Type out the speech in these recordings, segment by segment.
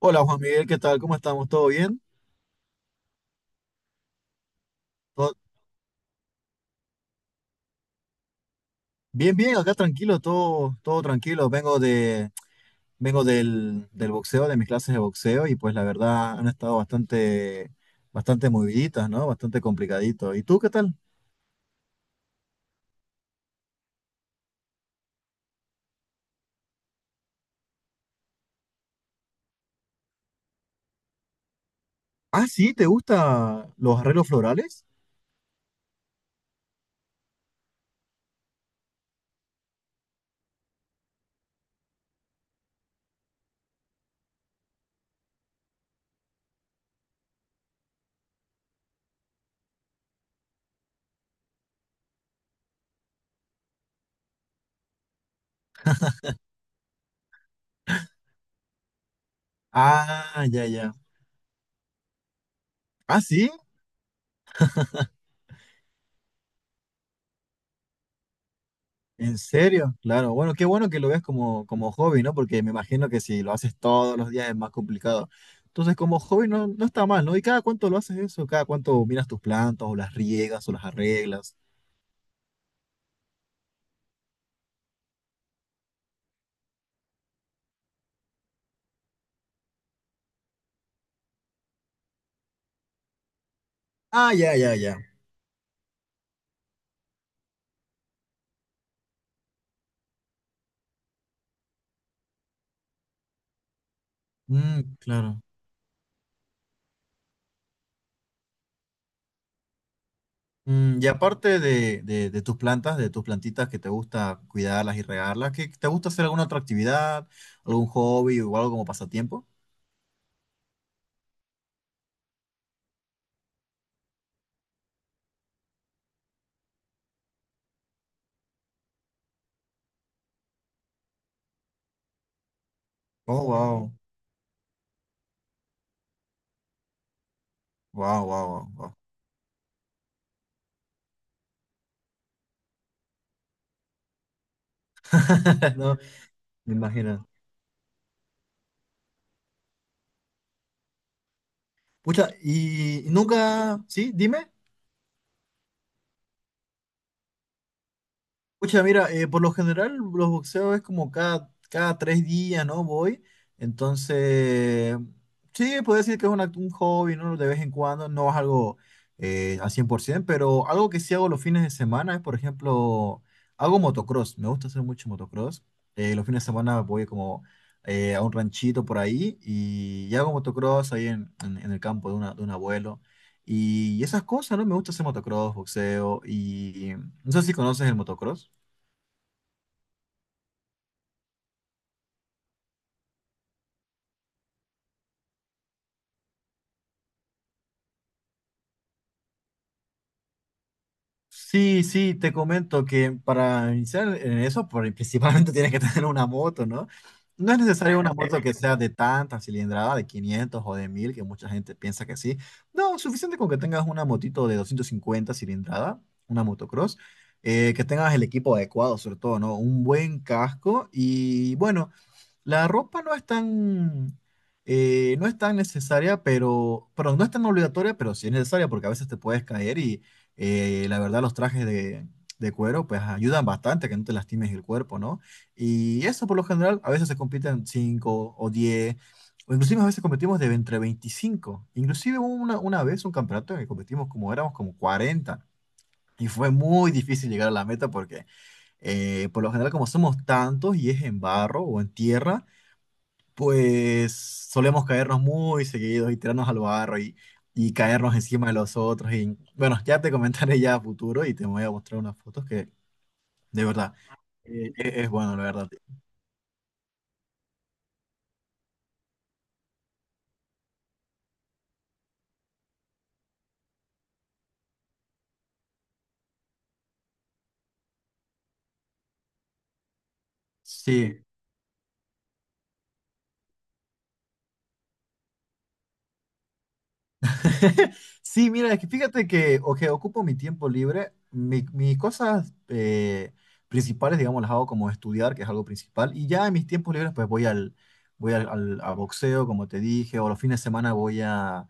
Hola Juan Miguel, ¿qué tal? ¿Cómo estamos? ¿Todo bien? ¿Todo- Bien, bien, acá tranquilo, todo tranquilo. Vengo del boxeo, de mis clases de boxeo, y pues la verdad han estado bastante moviditas, ¿no? Bastante complicadito. ¿Y tú qué tal? Ah, sí, ¿te gustan los arreglos florales? Ah, ya, ya. Ah, sí. ¿En serio? Claro. Bueno, qué bueno que lo veas como hobby, ¿no? Porque me imagino que si lo haces todos los días es más complicado. Entonces, como hobby no, no está mal, ¿no? ¿Y cada cuánto lo haces eso? ¿Cada cuánto miras tus plantas o las riegas o las arreglas? Ah, ya, ya, ya. Mm, claro. Mm, y aparte de tus plantas, de tus plantitas que te gusta cuidarlas y regarlas, ¿qué, te gusta hacer alguna otra actividad, algún hobby o algo como pasatiempo? Oh, wow. Wow, wow, wow, wow. No, me imagino. Pucha, y nunca, sí, dime. Pucha, mira, por lo general los boxeos es como cada tres días, ¿no? Voy. Entonces, sí, puedo decir que es un hobby, ¿no? De vez en cuando, no es algo al 100%, pero algo que sí hago los fines de semana es, por ejemplo, hago motocross. Me gusta hacer mucho motocross. Los fines de semana voy como a un ranchito por ahí y hago motocross ahí en el campo de, de un abuelo. Y esas cosas, ¿no? Me gusta hacer motocross, boxeo y... No sé si conoces el motocross. Sí, sí, te comento que para iniciar en eso, principalmente tienes que tener una moto, ¿no? No es necesario una moto que sea de tanta cilindrada, de 500 o de 1000, que mucha gente piensa que sí. No, suficiente con que tengas una motito de 250 cilindrada, una motocross, que tengas el equipo adecuado, sobre todo, ¿no? Un buen casco y bueno. La ropa no es no es tan necesaria, pero, perdón, no es tan obligatoria, pero sí es necesaria porque a veces te puedes caer y la verdad los trajes de cuero pues ayudan bastante a que no te lastimes el cuerpo, ¿no? Y eso por lo general a veces se compiten 5 o 10 o inclusive a veces competimos de entre 25. Inclusive hubo una vez un campeonato en el que competimos como éramos como 40. Y fue muy difícil llegar a la meta porque por lo general como somos tantos y es en barro o en tierra, pues solemos caernos muy seguidos y tirarnos al barro y caernos encima de los otros. Y bueno, ya te comentaré ya a futuro y te voy a mostrar unas fotos que de verdad es bueno, la verdad. Sí. Sí, mira, es que fíjate que o que ocupo mi tiempo libre, mis cosas principales, digamos, las hago como estudiar, que es algo principal, y ya en mis tiempos libres pues voy a boxeo, como te dije, o los fines de semana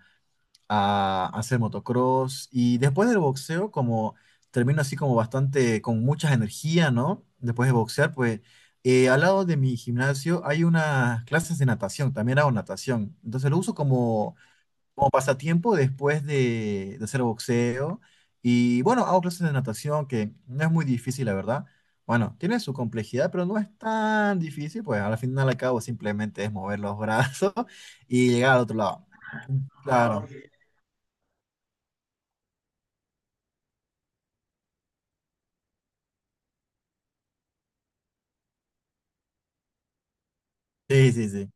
a hacer motocross y después del boxeo como termino así como bastante con mucha energía, ¿no? Después de boxear, pues al lado de mi gimnasio hay unas clases de natación, también hago natación, entonces lo uso como pasatiempo después de hacer boxeo y bueno, hago clases de natación que no es muy difícil, la verdad. Bueno, tiene su complejidad, pero no es tan difícil, pues al final al cabo simplemente es mover los brazos y llegar al otro lado. Claro. Sí, sí, sí.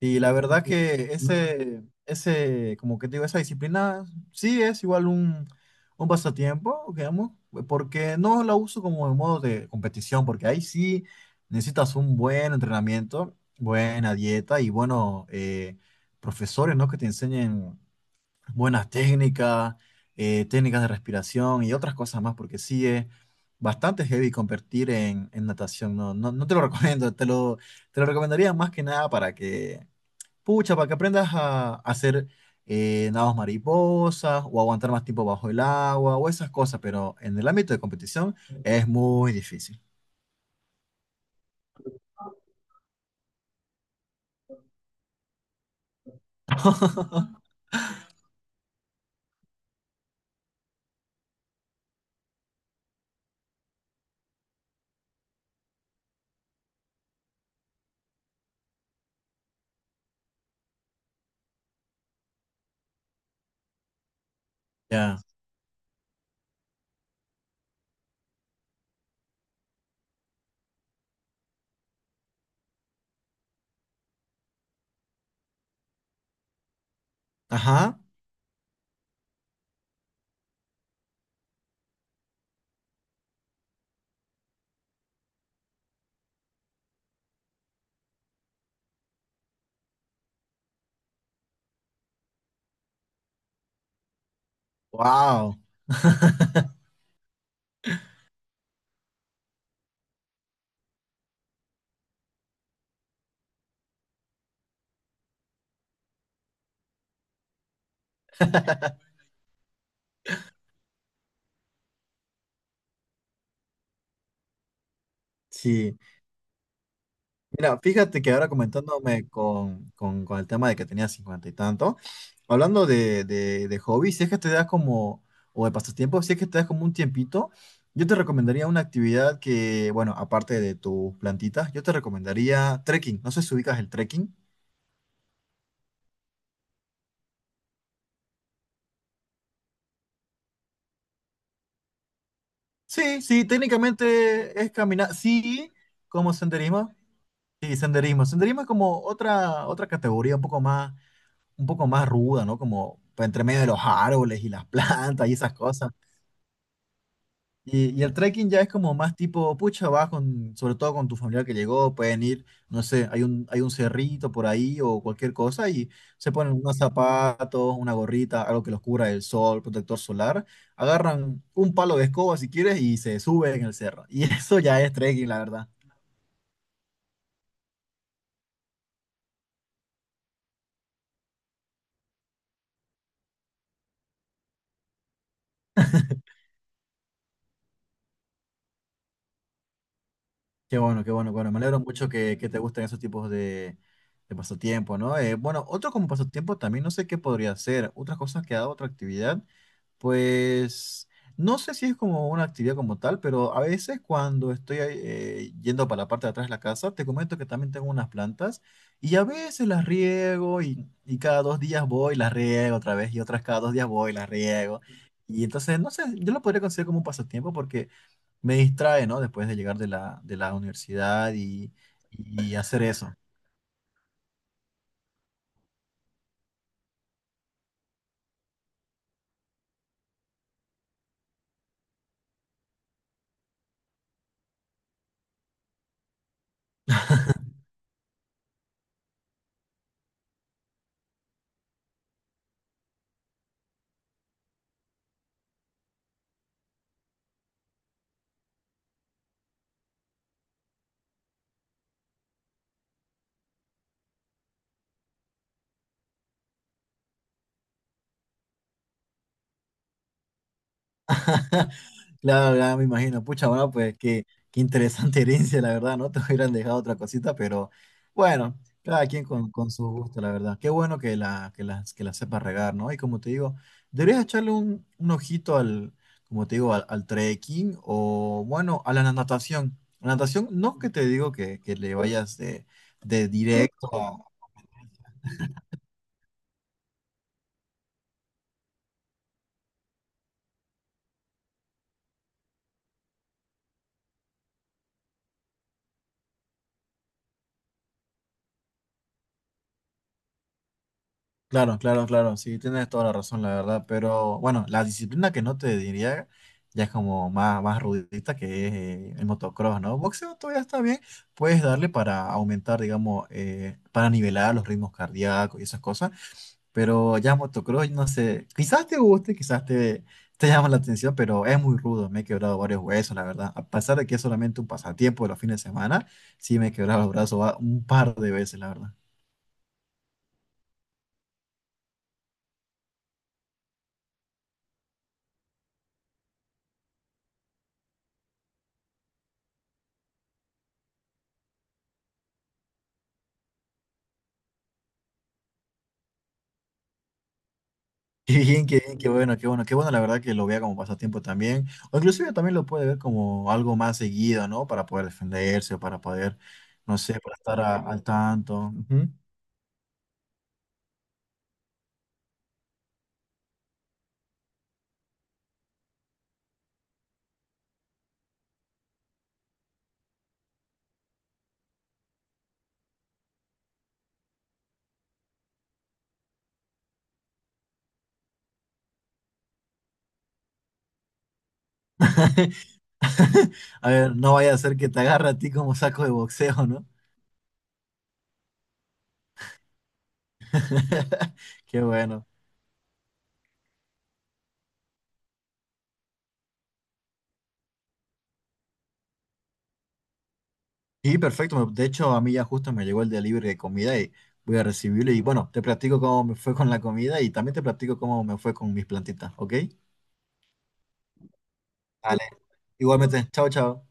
Y la verdad sí, que ese, como que te digo, esa disciplina sí es igual un pasatiempo, digamos, porque no la uso como en modo de competición, porque ahí sí necesitas un buen entrenamiento, buena dieta y buenos profesores, ¿no? Que te enseñen buenas técnicas, técnicas de respiración y otras cosas más, porque sí es bastante heavy competir en natación, ¿no? No, no te lo recomiendo, te lo recomendaría más que nada para que pucha, para que aprendas a hacer nados mariposas o aguantar más tiempo bajo el agua o esas cosas, pero en el ámbito de competición es muy difícil. Ya. Ajá. Wow. Sí. Mira, fíjate que ahora comentándome con el tema de que tenía 50 y tanto, hablando de hobbies, si es que te das como, o de pasatiempos, si es que te das como un tiempito, yo te recomendaría una actividad que, bueno, aparte de tus plantitas, yo te recomendaría trekking. No sé si ubicas el trekking. Sí, sí, técnicamente es caminar, sí, como senderismo, sí, senderismo. Senderismo es como otra, otra categoría un poco más ruda, ¿no? Como entre medio de los árboles y las plantas y esas cosas. Y el trekking ya es como más tipo, pucha, vas con, sobre todo con tu familiar que llegó, pueden ir, no sé, hay hay un cerrito por ahí o cualquier cosa y se ponen unos zapatos, una gorrita, algo que los cubra del sol, protector solar, agarran un palo de escoba si quieres y se suben en el cerro. Y eso ya es trekking, la verdad. Qué bueno, qué bueno, qué bueno. Me alegro mucho que te gusten esos tipos de pasatiempo, ¿no? Bueno, otro como pasatiempo también no sé qué podría ser. Otras cosas que ha dado otra actividad, pues no sé si es como una actividad como tal, pero a veces cuando estoy yendo para la parte de atrás de la casa, te comento que también tengo unas plantas y a veces las riego y cada dos días voy, y las riego otra vez y otras cada dos días voy, y las riego. Y entonces, no sé, yo lo podría considerar como un pasatiempo porque me distrae, ¿no? Después de llegar de de la universidad y hacer eso. Claro, claro, me imagino. Pucha, bueno, pues qué, qué interesante herencia, la verdad, ¿no? Te hubieran dejado otra cosita, pero bueno, cada quien con su gusto, la verdad. Qué bueno que que las que la sepa regar, ¿no? Y como te digo, deberías echarle un ojito al, como te digo, al trekking o, bueno, a la natación. La natación, no que te digo que le vayas de directo. Claro, claro, claro, sí, tienes toda la razón, la verdad, pero bueno, la disciplina que no te diría ya es como más, más rudita que es el motocross, ¿no? Boxeo todavía está bien, puedes darle para aumentar, digamos, para nivelar los ritmos cardíacos y esas cosas, pero ya motocross, no sé, quizás te guste, te llama la atención, pero es muy rudo, me he quebrado varios huesos, la verdad, a pesar de que es solamente un pasatiempo de los fines de semana, sí me he quebrado los brazos un par de veces, la verdad. Qué bien, qué bien, qué bueno, qué bueno, qué bueno, la verdad que lo vea como pasatiempo también, o inclusive también lo puede ver como algo más seguido, ¿no? Para poder defenderse o para poder, no sé, para estar al tanto. Ujú. A ver, no vaya a ser que te agarre a ti como saco de boxeo, ¿no? Qué bueno. Y perfecto, de hecho a mí ya justo me llegó el delivery de comida y voy a recibirlo y bueno, te platico cómo me fue con la comida y también te platico cómo me fue con mis plantitas, ¿ok? Vale. Igualmente, chao, chao.